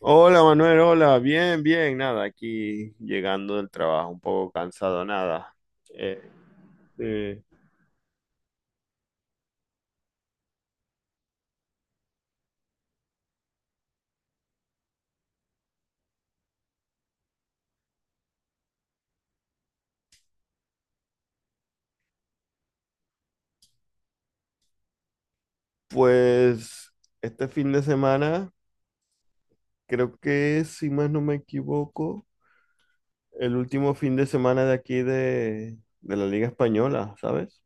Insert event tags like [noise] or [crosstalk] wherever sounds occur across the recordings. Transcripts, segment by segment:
Hola Manuel, hola, bien, bien, nada, aquí llegando del trabajo, un poco cansado, nada. Eh, eh, pues este fin de semana, creo que si más no me equivoco, el último fin de semana de aquí de la Liga Española, ¿sabes?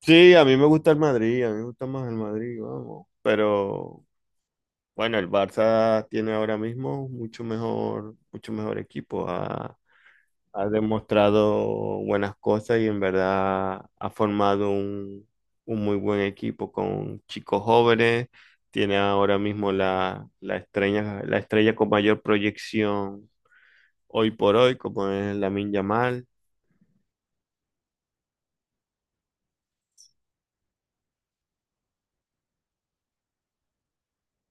Sí, a mí me gusta el Madrid, a mí me gusta más el Madrid, vamos. Pero bueno, el Barça tiene ahora mismo mucho mejor equipo. Ha demostrado buenas cosas y en verdad ha formado un muy buen equipo con chicos jóvenes. Tiene ahora mismo la estrella con mayor proyección hoy por hoy, como es Lamine Yamal.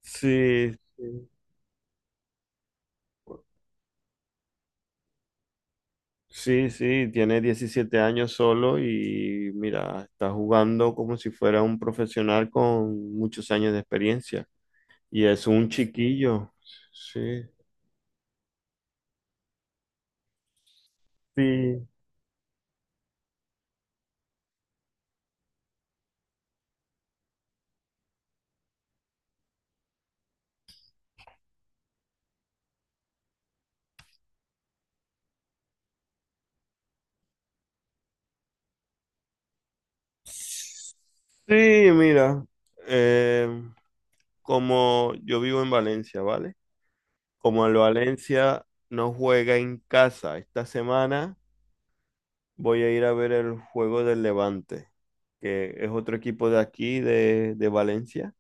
Sí, sí, sí, sí, tiene 17 años solo y mira, está jugando como si fuera un profesional con muchos años de experiencia. Y es un chiquillo, sí. Sí, sí, mira, eh, como yo vivo en Valencia, ¿vale? Como el Valencia no juega en casa esta semana, voy a ir a ver el juego del Levante, que es otro equipo de aquí, de Valencia,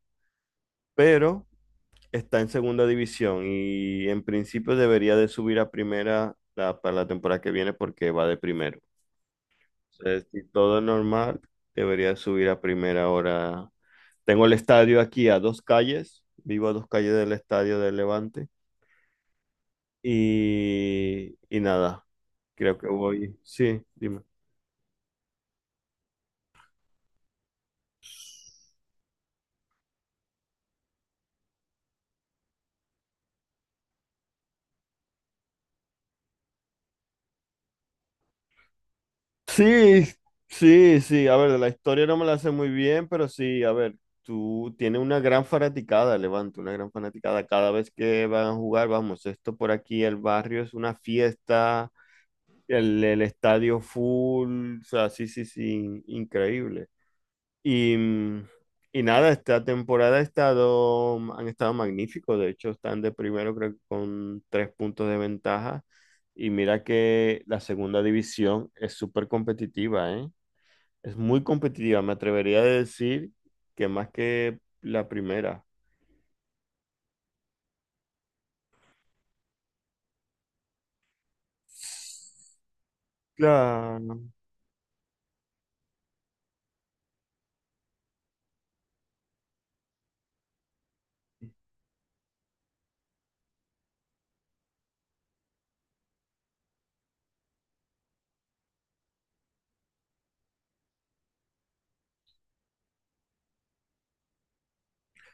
pero está en segunda división y en principio debería de subir a primera para la temporada que viene porque va de primero. Sea, si todo normal, debería subir a primera hora. Tengo el estadio aquí a dos calles, vivo a dos calles del estadio del Levante. Y nada, creo que voy. Sí, dime. Sí, sí, sí. A ver, de la historia no me la sé muy bien, pero sí, a ver, tú tienes una gran fanaticada, Levante, una gran fanaticada. Cada vez que van a jugar, vamos, esto por aquí, el barrio es una fiesta. El estadio full, o sea, sí, sí, sí, increíble. Y, mm, y nada, esta temporada ha estado, han estado magníficos, de hecho están de primero creo que con tres puntos de ventaja. Y mira que la segunda división es súper competitiva, ¿eh? Es muy competitiva, me atrevería a decir que más que la primera. Claro,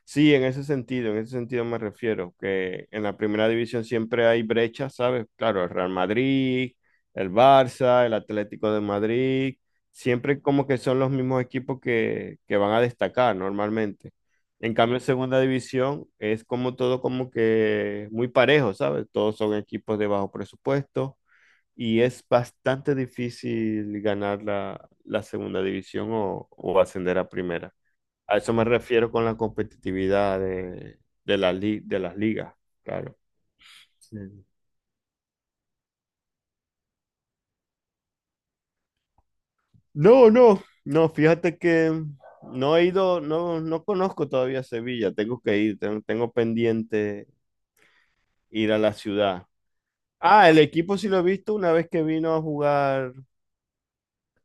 sí, en ese sentido me refiero, que en la primera división siempre hay brechas, ¿sabes? Claro, el Real Madrid, el Barça, el Atlético de Madrid, siempre como que son los mismos equipos que van a destacar normalmente. En cambio, en segunda división es como todo como que muy parejo, ¿sabes? Todos son equipos de bajo presupuesto y es bastante difícil ganar la segunda división o ascender a primera. A eso me refiero con la competitividad de de las ligas, claro. Sí. No, no, no, fíjate que no he ido, no conozco todavía Sevilla, tengo que ir, tengo pendiente ir a la ciudad. Ah, el equipo sí lo he visto una vez que vino a jugar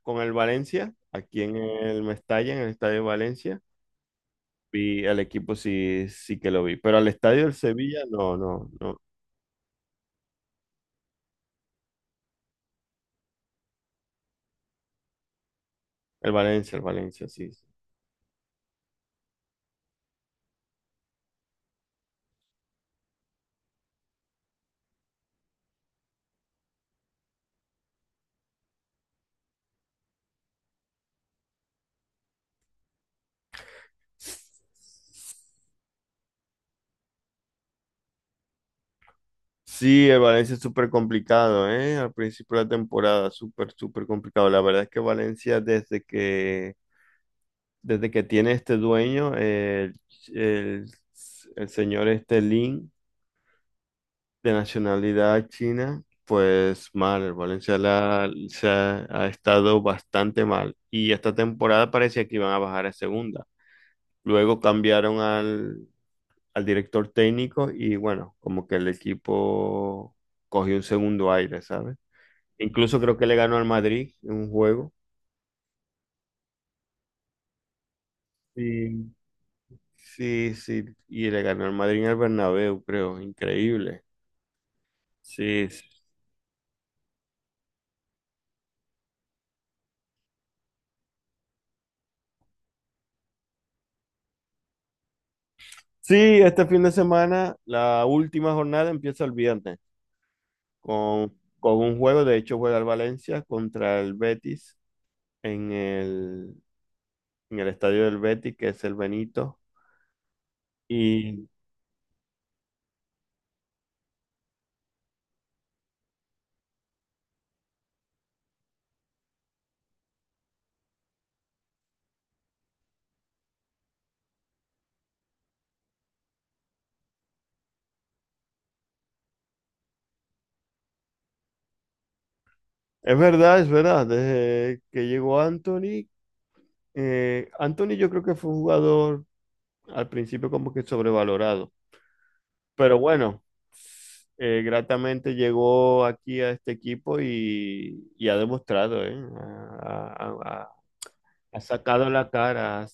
con el Valencia, aquí en el Mestalla, en el Estadio de Valencia, vi el equipo sí, sí que lo vi, pero al Estadio del Sevilla no, no, no, el Valencia, sí. Sí. Sí, el Valencia es súper complicado, ¿eh? Al principio de la temporada, súper, súper complicado. La verdad es que Valencia, desde que tiene este dueño, el- el señor este Lin, de nacionalidad china, pues mal. Se ha estado bastante mal. Y esta temporada parecía que iban a bajar a segunda. Luego cambiaron al director técnico y bueno, como que el equipo cogió un segundo aire, ¿sabes? Incluso creo que le ganó al Madrid en un juego. Sí, sí, sí, y le ganó al Madrid en el Bernabéu, creo, increíble. Sí, sí, sí, este fin de semana, la última jornada empieza el viernes con un juego, de hecho juega el Valencia contra el Betis en el, en el estadio del Betis, que es el Benito. Y es verdad, desde que llegó Anthony, Anthony yo creo que fue un jugador al principio como que sobrevalorado, pero bueno, gratamente llegó aquí a este equipo y ha demostrado, ¿eh? Ha, ha- ha- ha sacado la cara.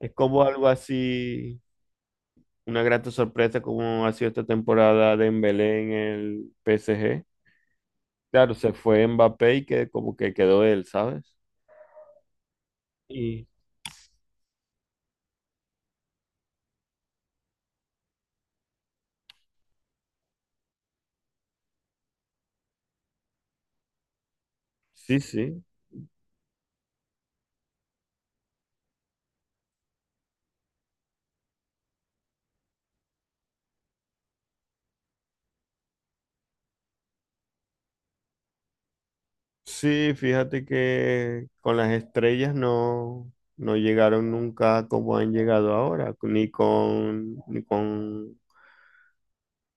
Es como algo así, una grata sorpresa como ha sido esta temporada de Dembélé en el PSG. Claro, se fue Mbappé y que como que quedó él, ¿sabes? Y sí, sí. Sí, fíjate que con las estrellas no, no llegaron nunca como han llegado ahora, ni con, ni con,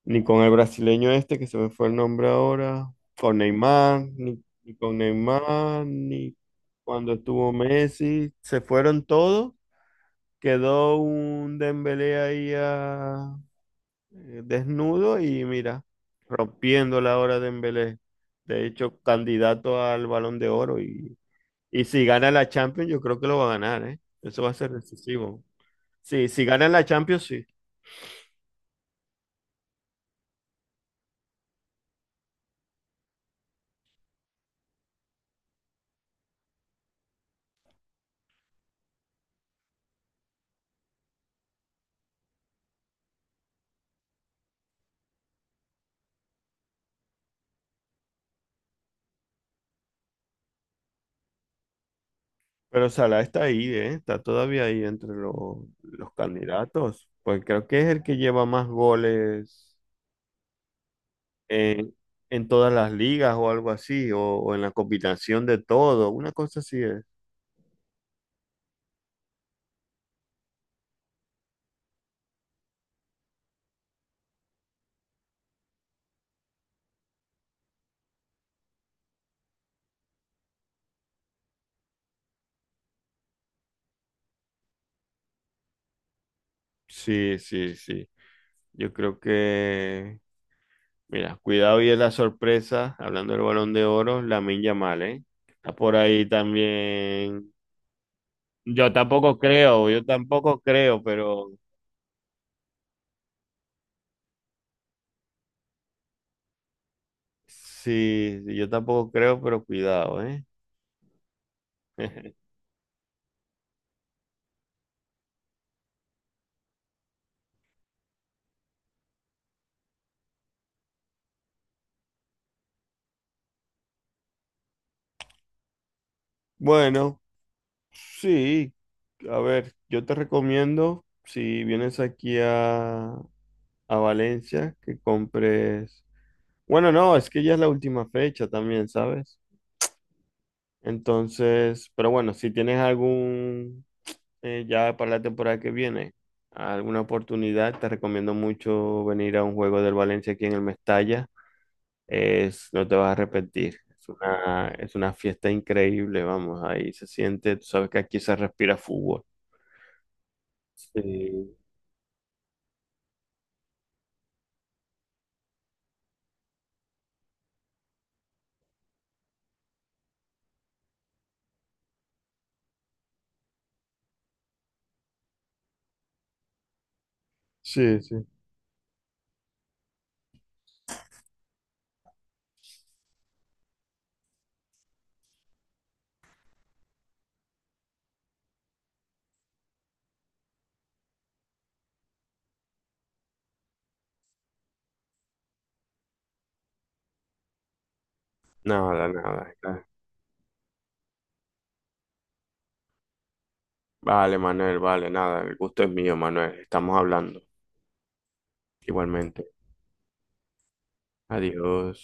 ni con el brasileño este que se me fue el nombre ahora, con Neymar, ni con Neymar, ni cuando estuvo Messi, se fueron todos, quedó un Dembélé ahí desnudo y mira, rompiendo la hora de Dembélé, de hecho candidato al Balón de Oro y si gana la Champions, yo creo que lo va a ganar, ¿eh? Eso va a ser decisivo. Sí, si gana la Champions, sí. Pero Salah está ahí, ¿eh? Está todavía ahí entre los candidatos. Pues creo que es el que lleva más goles en, en todas las ligas o algo así, o en la combinación de todo. Una cosa así es. Sí, sí, sí. Yo creo que, mira, cuidado y es la sorpresa, hablando del Balón de Oro, Lamine Yamal, ¿eh? Está por ahí también. Yo tampoco creo, pero sí, sí, yo tampoco creo, pero cuidado, ¿eh? [laughs] Bueno, sí, a ver, yo te recomiendo, si vienes aquí a Valencia, que compres... Bueno, no, es que ya es la última fecha también, ¿sabes? Entonces, pero bueno, si tienes algún, ya para la temporada que viene, alguna oportunidad, te recomiendo mucho venir a un juego del Valencia aquí en el Mestalla. Es, no te vas a arrepentir. Es una fiesta increíble, vamos, ahí se siente, tú sabes que aquí se respira fútbol. Sí. Sí, sí. Nada, nada, nada. Vale, Manuel, vale, nada. El gusto es mío, Manuel. Estamos hablando. Igualmente. Adiós.